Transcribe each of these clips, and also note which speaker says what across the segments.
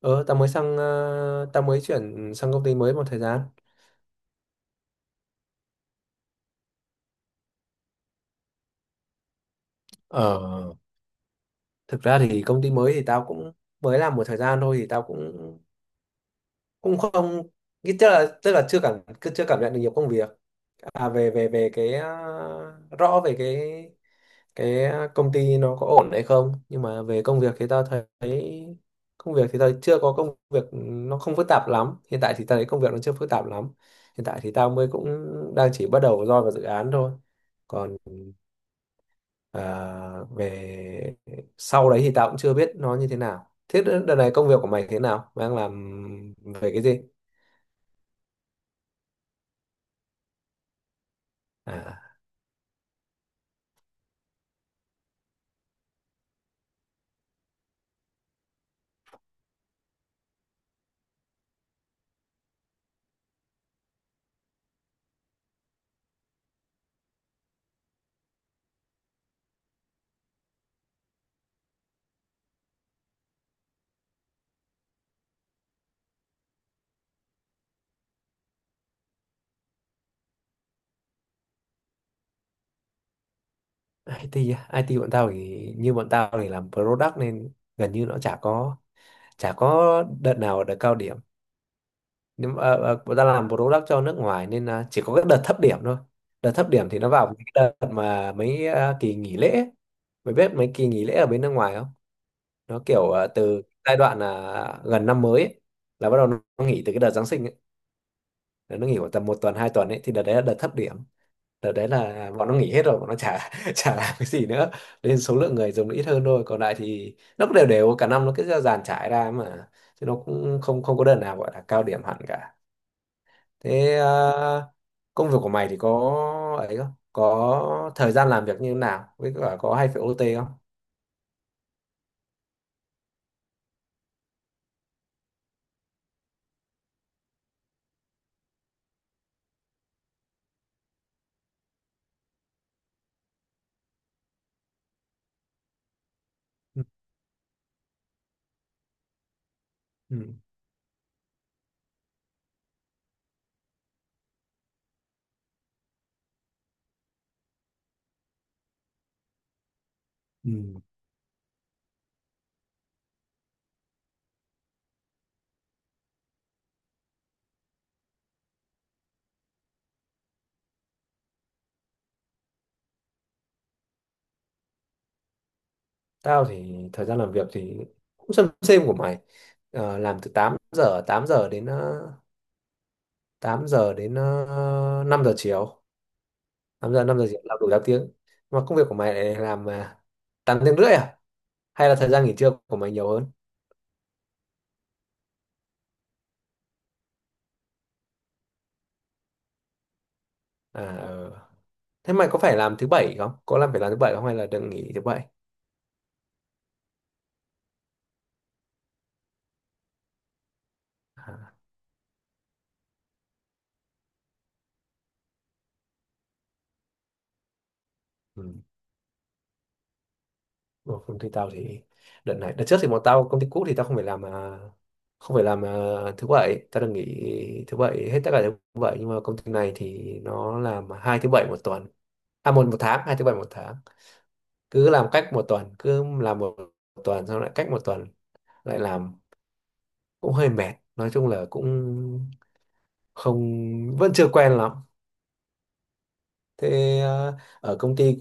Speaker 1: Ờ, tao mới chuyển sang công ty mới một thời gian. Ờ, thực ra thì công ty mới thì tao cũng mới làm một thời gian thôi thì tao cũng cũng không tức là chưa cảm nhận được nhiều công việc, về về về cái rõ về cái công ty nó có ổn hay không, nhưng mà về công việc thì tao thấy công việc thì tao chưa có, công việc nó không phức tạp lắm, hiện tại thì tao thấy công việc nó chưa phức tạp lắm, hiện tại thì tao mới cũng đang chỉ bắt đầu roi vào dự án thôi, còn, Ờ, về sau đấy thì tao cũng chưa biết nó như thế nào. Thế đợt này công việc của mày thế nào? Mày đang làm về cái gì? À, IT á. IT bọn tao thì, như bọn tao thì làm product nên gần như nó chả có đợt nào là đợt cao điểm. Nhưng mà, bọn tao làm product cho nước ngoài nên, chỉ có cái đợt thấp điểm thôi. Đợt thấp điểm thì nó vào cái đợt mà mấy, kỳ nghỉ lễ ấy. Mày biết mấy kỳ nghỉ lễ ở bên nước ngoài nó kiểu, từ giai đoạn là gần năm mới ấy, là bắt đầu nó nghỉ từ cái đợt Giáng sinh ấy. Là nó nghỉ khoảng tầm một tuần hai tuần ấy, thì đợt đấy là đợt thấp điểm, đợt đấy là bọn nó nghỉ hết rồi, bọn nó chả chả làm cái gì nữa, nên số lượng người dùng nó ít hơn thôi, còn lại thì nó cũng đều đều cả năm, nó cứ dàn trải ra mà, chứ nó cũng không không có đợt nào gọi là cao điểm hẳn cả. Thế, công việc của mày thì có ấy không có thời gian làm việc như thế nào, với cả có hay phải OT không? Ừ. Ừ. Tao thì thời gian làm việc thì cũng xem của mày. Làm từ 8 giờ đến ờ, 8 giờ đến 5 giờ chiều. 8 giờ, 5 giờ chiều, làm đủ 8 tiếng. Mà công việc của mày lại làm, 8 tiếng rưỡi à? Hay là thời gian nghỉ trưa của mày nhiều hơn? À, ờ. Thế mày có phải làm thứ bảy không? Có phải làm thứ bảy không, hay là đừng nghỉ thứ bảy? À, ừ. Còn công ty tao thì, đợt trước thì bọn tao công ty cũ, thì tao không phải làm, thứ bảy tao được nghỉ thứ bảy, hết tất cả thứ bảy. Nhưng mà công ty này thì nó làm hai thứ bảy một tuần, à, một một tháng hai thứ bảy một tháng, cứ làm cách một tuần, cứ làm một tuần xong lại cách một tuần lại làm, cũng hơi mệt. Nói chung là cũng không vẫn chưa quen lắm. Thế, à, ở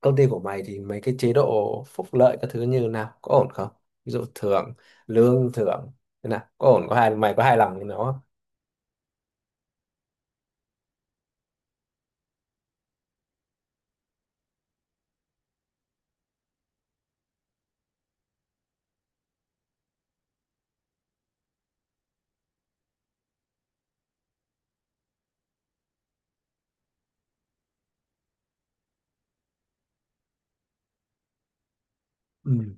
Speaker 1: công ty của mày thì mấy cái chế độ phúc lợi các thứ như nào có ổn không, ví dụ thưởng, thưởng thế nào, có ổn có hài mày có hài lòng với nó không? Ừ.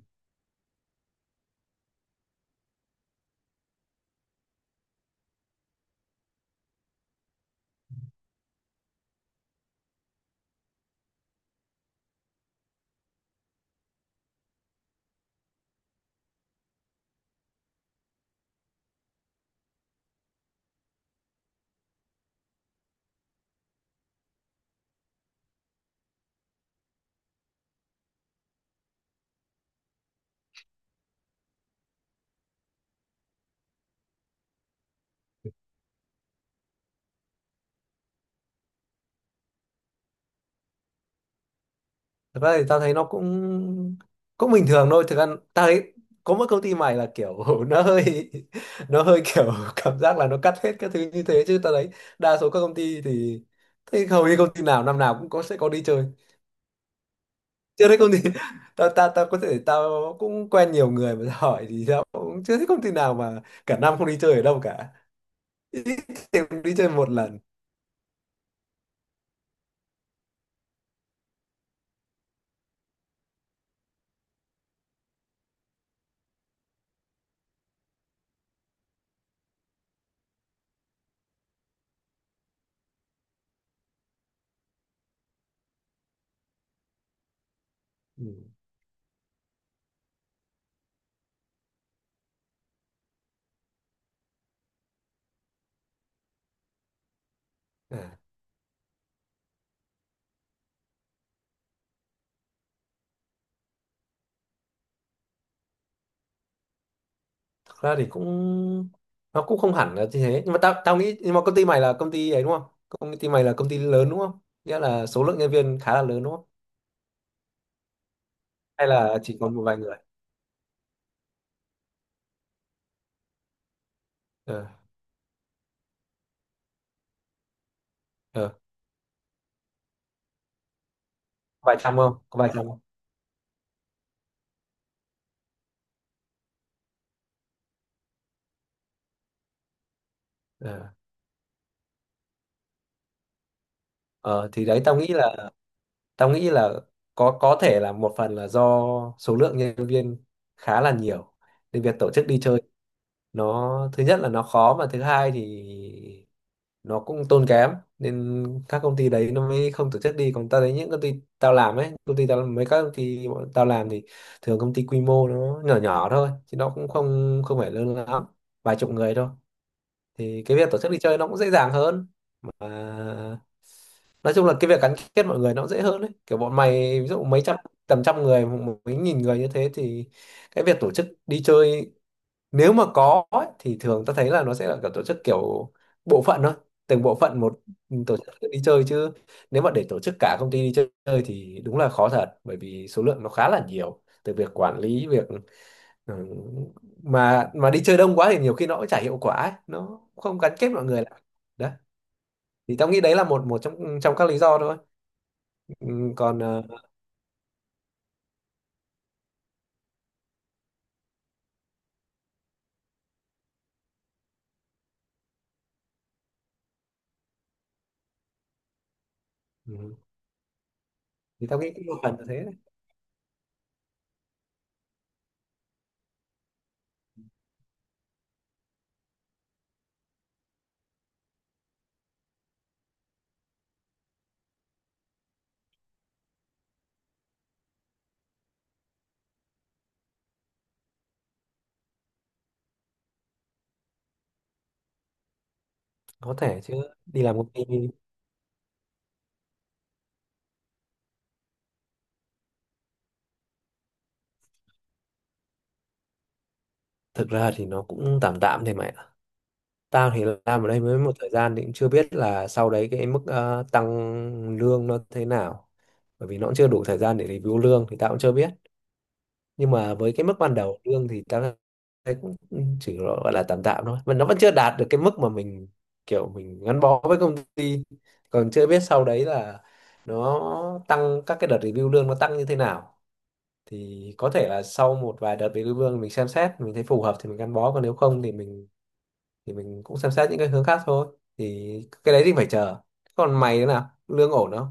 Speaker 1: Thực ra thì tao thấy nó cũng cũng bình thường thôi, thực ra tao thấy có mỗi công ty mày là kiểu nó hơi kiểu cảm giác là nó cắt hết các thứ như thế, chứ tao thấy đa số các công ty thì thấy hầu như công ty nào năm nào cũng có sẽ có đi chơi. Chưa thấy công ty tao tao tao có thể tao cũng quen nhiều người mà tao hỏi, thì tao cũng chưa thấy công ty nào mà cả năm không đi chơi ở đâu cả, ít thì cũng đi chơi một lần. Ừ. À, thật ra thì nó cũng không hẳn là như thế, nhưng mà tao tao nghĩ, nhưng mà công ty mày là công ty ấy đúng không, công ty mày là công ty lớn đúng không, nghĩa là số lượng nhân viên khá là lớn đúng không, hay là chỉ còn một vài người? ờ ờ vài trăm không có vài trăm không? ờ Ờ, thì đấy, tao nghĩ là có thể là một phần là do số lượng nhân viên khá là nhiều, nên việc tổ chức đi chơi, nó thứ nhất là nó khó, mà thứ hai thì nó cũng tốn kém, nên các công ty đấy nó mới không tổ chức đi. Còn tao thấy những công ty tao làm ấy công ty tao mấy các công ty bọn tao làm thì thường công ty quy mô nó nhỏ nhỏ thôi, chứ nó cũng không không phải lớn lắm, vài chục người thôi. Thì cái việc tổ chức đi chơi nó cũng dễ dàng hơn, mà nói chung là cái việc gắn kết mọi người nó cũng dễ hơn. Đấy, kiểu bọn mày ví dụ mấy trăm tầm trăm người, mấy nghìn người như thế thì cái việc tổ chức đi chơi, nếu mà có ấy, thì thường ta thấy là nó sẽ là kiểu tổ chức kiểu bộ phận thôi, từng bộ phận một tổ chức đi chơi. Chứ nếu mà để tổ chức cả công ty đi chơi thì đúng là khó thật, bởi vì số lượng nó khá là nhiều, từ việc quản lý việc. Ừ. Mà đi chơi đông quá thì nhiều khi nó cũng chả hiệu quả ấy, nó không gắn kết mọi người lại. Đó, thì tao nghĩ đấy là một một trong trong các lý do thôi. Ừ, còn, ừ, thì tao nghĩ cũng một phần là thế đấy. Có thể chứ, đi làm công ty. Thực ra thì nó cũng tạm tạm thì mẹ, tao thì làm ở đây mới một thời gian thì cũng chưa biết là sau đấy cái mức, tăng lương nó thế nào, bởi vì nó cũng chưa đủ thời gian để review lương thì tao cũng chưa biết. Nhưng mà với cái mức ban đầu lương thì tao thấy cũng chỉ gọi là tạm tạm thôi, mà nó vẫn chưa đạt được cái mức mà mình kiểu mình gắn bó với công ty. Còn chưa biết sau đấy là nó tăng, các cái đợt review lương nó tăng như thế nào, thì có thể là sau một vài đợt review lương mình xem xét mình thấy phù hợp thì mình gắn bó, còn nếu không thì mình cũng xem xét những cái hướng khác thôi. Thì cái đấy thì phải chờ. Còn mày thế nào, lương ổn không?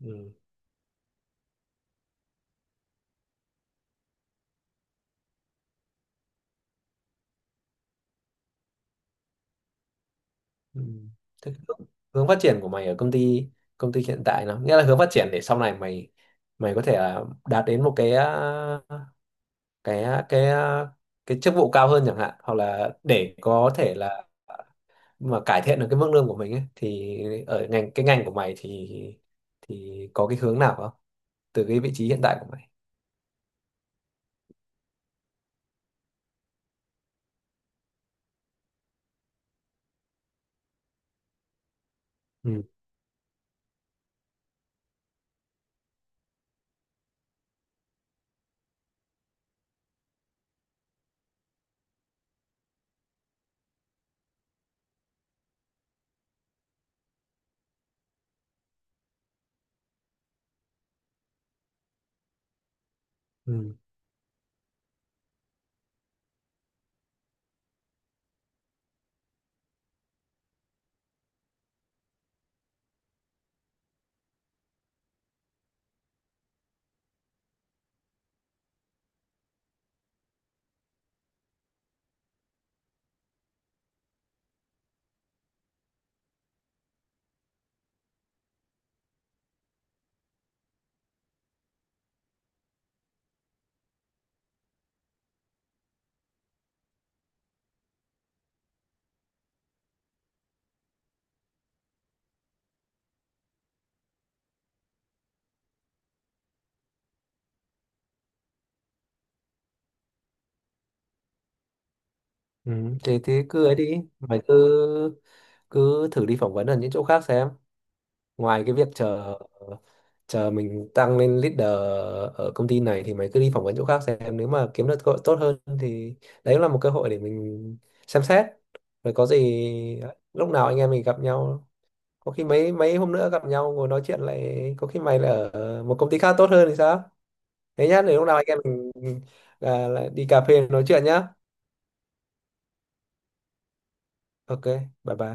Speaker 1: Ừ. Ừ. Thế cái hướng hướng phát triển của mày ở công ty hiện tại, nó nghĩa là hướng phát triển để sau này mày mày có thể là đạt đến một cái, cái à, cái ờ, cái chức vụ cao hơn chẳng hạn, hoặc là để có thể là mà cải thiện được cái mức lương của mình ấy, thì ở ngành cái ngành của mày thì có cái hướng nào không, từ cái vị trí hiện tại của mày? Ừ. Ừ. Ừ. Thế cứ ấy đi mày, cứ cứ thử đi phỏng vấn ở những chỗ khác xem, ngoài cái việc chờ chờ mình tăng lên leader ở công ty này, thì mày cứ đi phỏng vấn chỗ khác xem, nếu mà kiếm được cơ hội tốt hơn thì đấy là một cơ hội để mình xem xét. Rồi có gì lúc nào anh em mình gặp nhau, có khi mấy mấy hôm nữa gặp nhau ngồi nói chuyện lại, có khi mày lại ở một công ty khác tốt hơn thì sao. Thế nhá, để lúc nào anh em mình, lại đi cà phê nói chuyện nhá. OK, bye bye.